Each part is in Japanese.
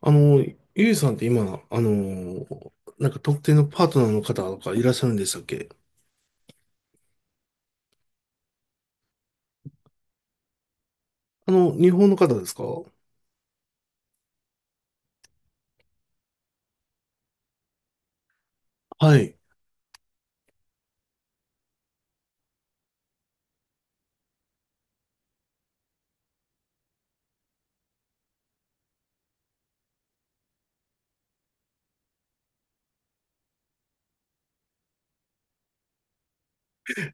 あの、ゆいさんって今、あの、特定のパートナーの方とかいらっしゃるんでしたっけ？日本の方ですか？はい。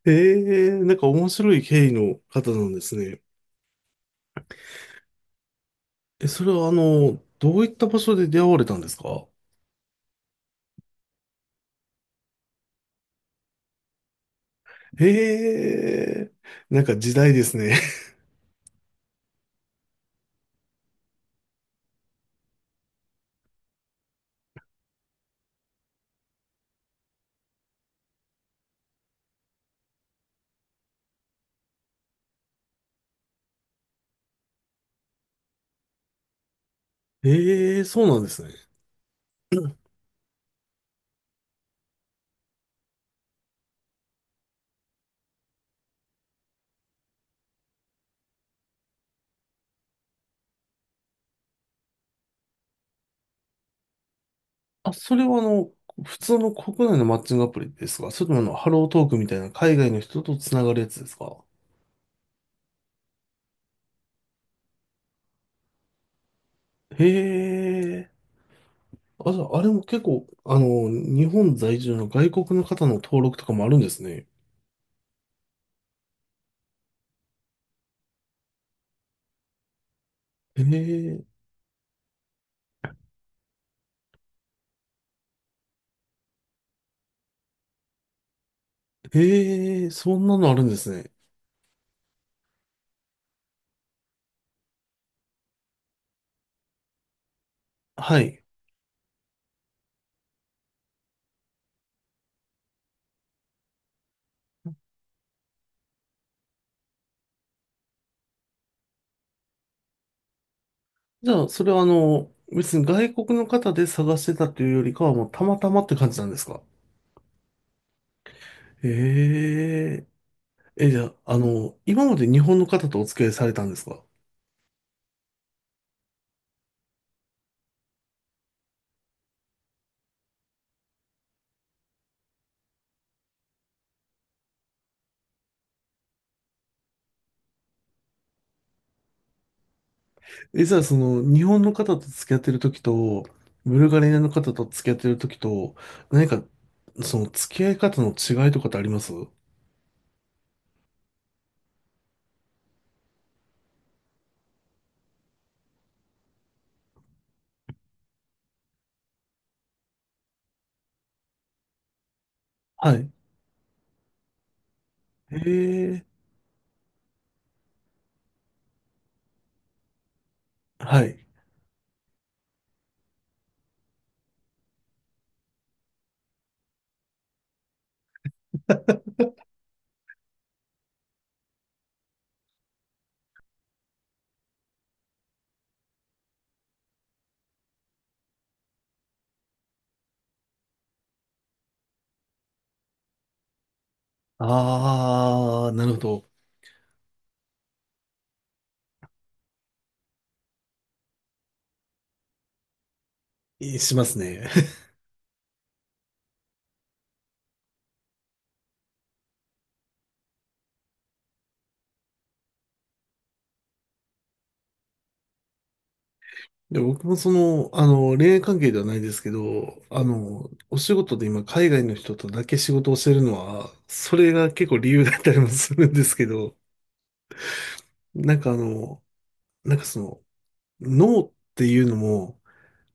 ええ、面白い経緯の方なんですね。え、それはどういった場所で出会われたんですか？ええ、時代ですね。ええ、そうなんですね。あ、それは普通の国内のマッチングアプリですか？それともハロートークみたいな海外の人とつながるやつですか？へえ。あ、じゃあ、あれも結構、日本在住の外国の方の登録とかもあるんですね。へえ、へえ、そんなのあるんですね。はい。じゃあ、それは別に外国の方で探してたというよりかは、もうたまたまって感じなんですか？へえ、え、じゃあ、今まで日本の方とお付き合いされたんですか？え、じゃあ、その、日本の方と付き合ってる時と、ブルガリアの方と付き合ってる時と、何か、その、付き合い方の違いとかってありますはい。へえ、はい。ああ、なるほど。え、しますね。で、僕もその、恋愛関係ではないですけど、お仕事で今海外の人とだけ仕事をしてるのは、それが結構理由だったりもするんですけど、なんかあの、なんかその、ノーっていうのも、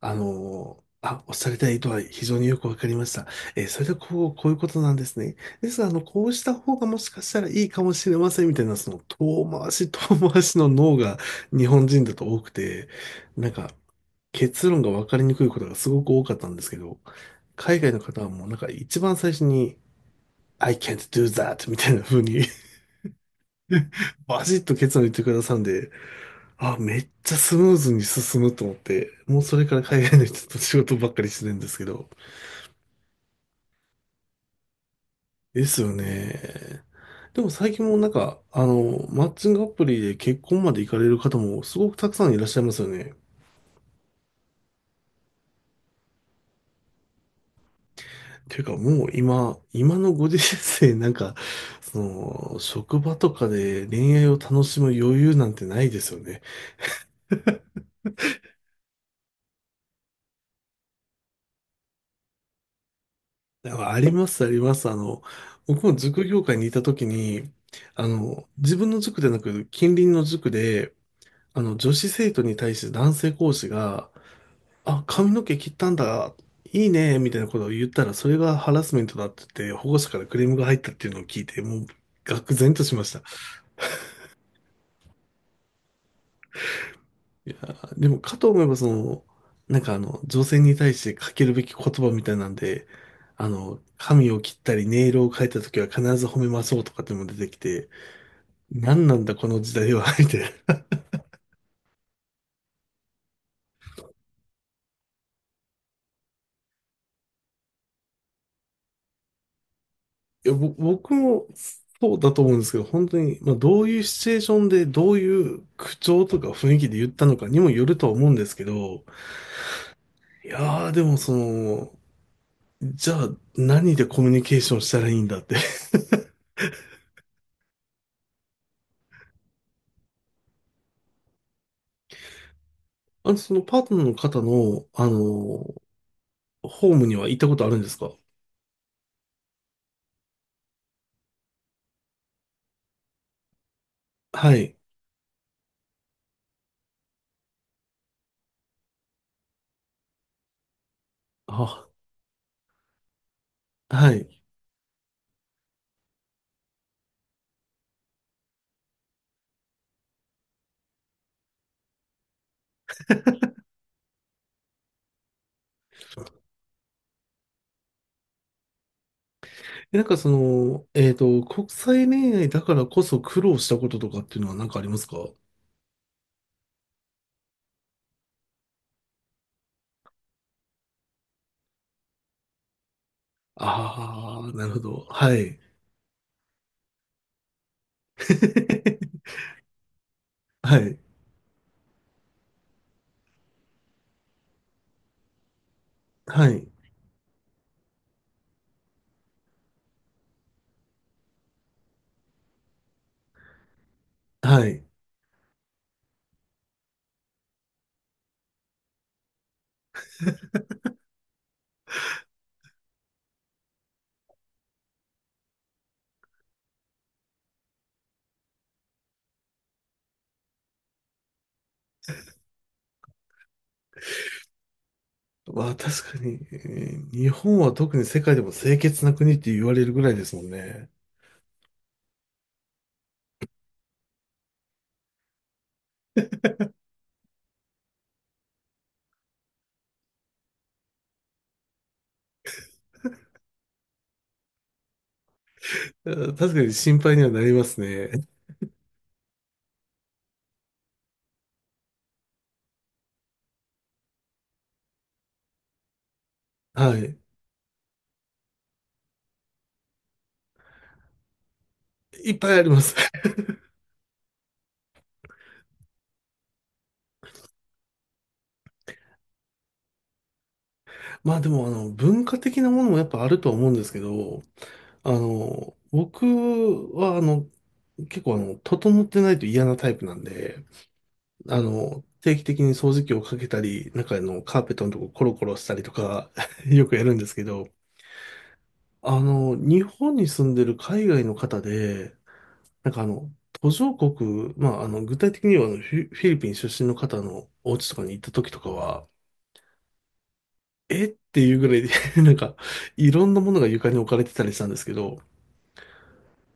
おっしゃりたい意図は非常によくわかりました。それでこう、こういうことなんですね。ですが、こうした方がもしかしたらいいかもしれませんみたいな、その遠回しの脳が日本人だと多くて、なんか結論がわかりにくいことがすごく多かったんですけど、海外の方はもう一番最初に、I can't do that みたいな風に、 バシッと結論言ってくださるんで、あ、めっちゃスムーズに進むと思って、もうそれから海外の人と仕事ばっかりしてるんですけど、ですよね。でも最近もマッチングアプリで結婚まで行かれる方もすごくたくさんいらっしゃいますよね。ていうかもう今のご時世その、職場とかで恋愛を楽しむ余裕なんてないですよね。だからあります。僕も塾業界にいた時に、自分の塾でなく近隣の塾で、女子生徒に対して男性講師が、あ、髪の毛切ったんだ、いいね、みたいなことを言ったら、それがハラスメントだって言って、保護者からクレームが入ったっていうのを聞いて、もう、愕然としました。でも、かと思えば、その、女性に対してかけるべき言葉みたいなんで、髪を切ったり、ネイルを変えた時は必ず褒めましょうとかっていうのも出てきて、何なんだこの時代は、みたいな。いや、僕もそうだと思うんですけど、本当に、まあ、どういうシチュエーションで、どういう口調とか雰囲気で言ったのかにもよるとは思うんですけど、いやー、でもその、じゃあ何でコミュニケーションしたらいいんだって。そのパートナーの方の、ホームには行ったことあるんですか？はい。あ、はい。え、国際恋愛だからこそ苦労したこととかっていうのは何かありますか？ああー、なるほど。はい。はい。はい。はい。わあ、確かに、えー、日本は特に世界でも清潔な国って言われるぐらいですもんね。確かに心配にはなりますね。はい。いっぱいあります。まあでも、文化的なものもやっぱあるとは思うんですけど、僕は、結構、整ってないと嫌なタイプなんで、定期的に掃除機をかけたり、中のカーペットのとこコロコロしたりとか、 よくやるんですけど、日本に住んでる海外の方で、なんかあの、途上国、まあ、具体的にはあのフィリピン出身の方のお家とかに行った時とかは、えっていうぐらいで、 なんか、いろんなものが床に置かれてたりしたんですけど、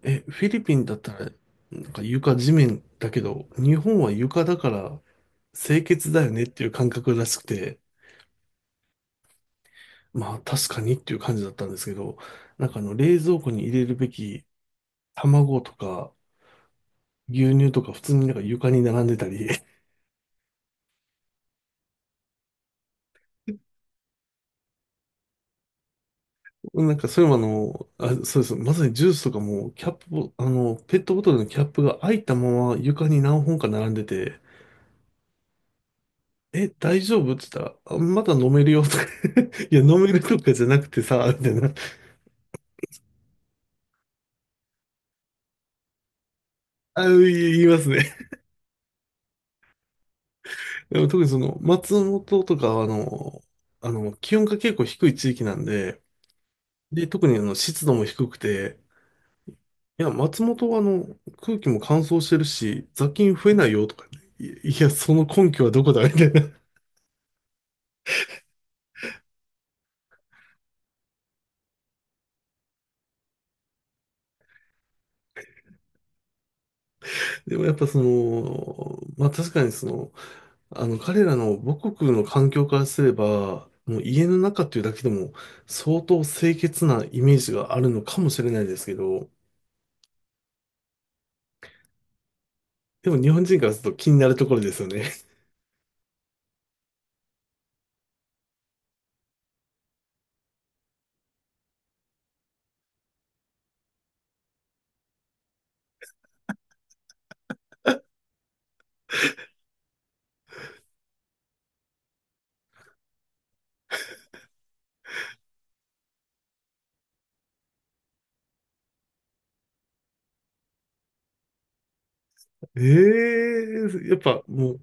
え、フィリピンだったら、床地面だけど、日本は床だから清潔だよねっていう感覚らしくて、まあ確かにっていう感じだったんですけど、冷蔵庫に入れるべき卵とか牛乳とか普通に床に並んでたり、なんかそれもあの、あ、そうです。まさにジュースとかもキャップを、ペットボトルのキャップが開いたまま床に何本か並んでて、え、大丈夫？って言ったら、あ、まだ飲めるよとか。 いや、飲めるとかじゃなくてさ、みたいな。あ、言いますね。でも特にその、松本とかは、気温が結構低い地域なんで、で、特に湿度も低くて、いや、松本は空気も乾燥してるし、雑菌増えないよとかね、いいや、その根拠はどこだみたいな。でもやっぱその、まあ確かにその、彼らの母国の環境からすれば、もう家の中っていうだけでも相当清潔なイメージがあるのかもしれないですけど、でも日本人からすると気になるところですよね。ええ、やっぱもう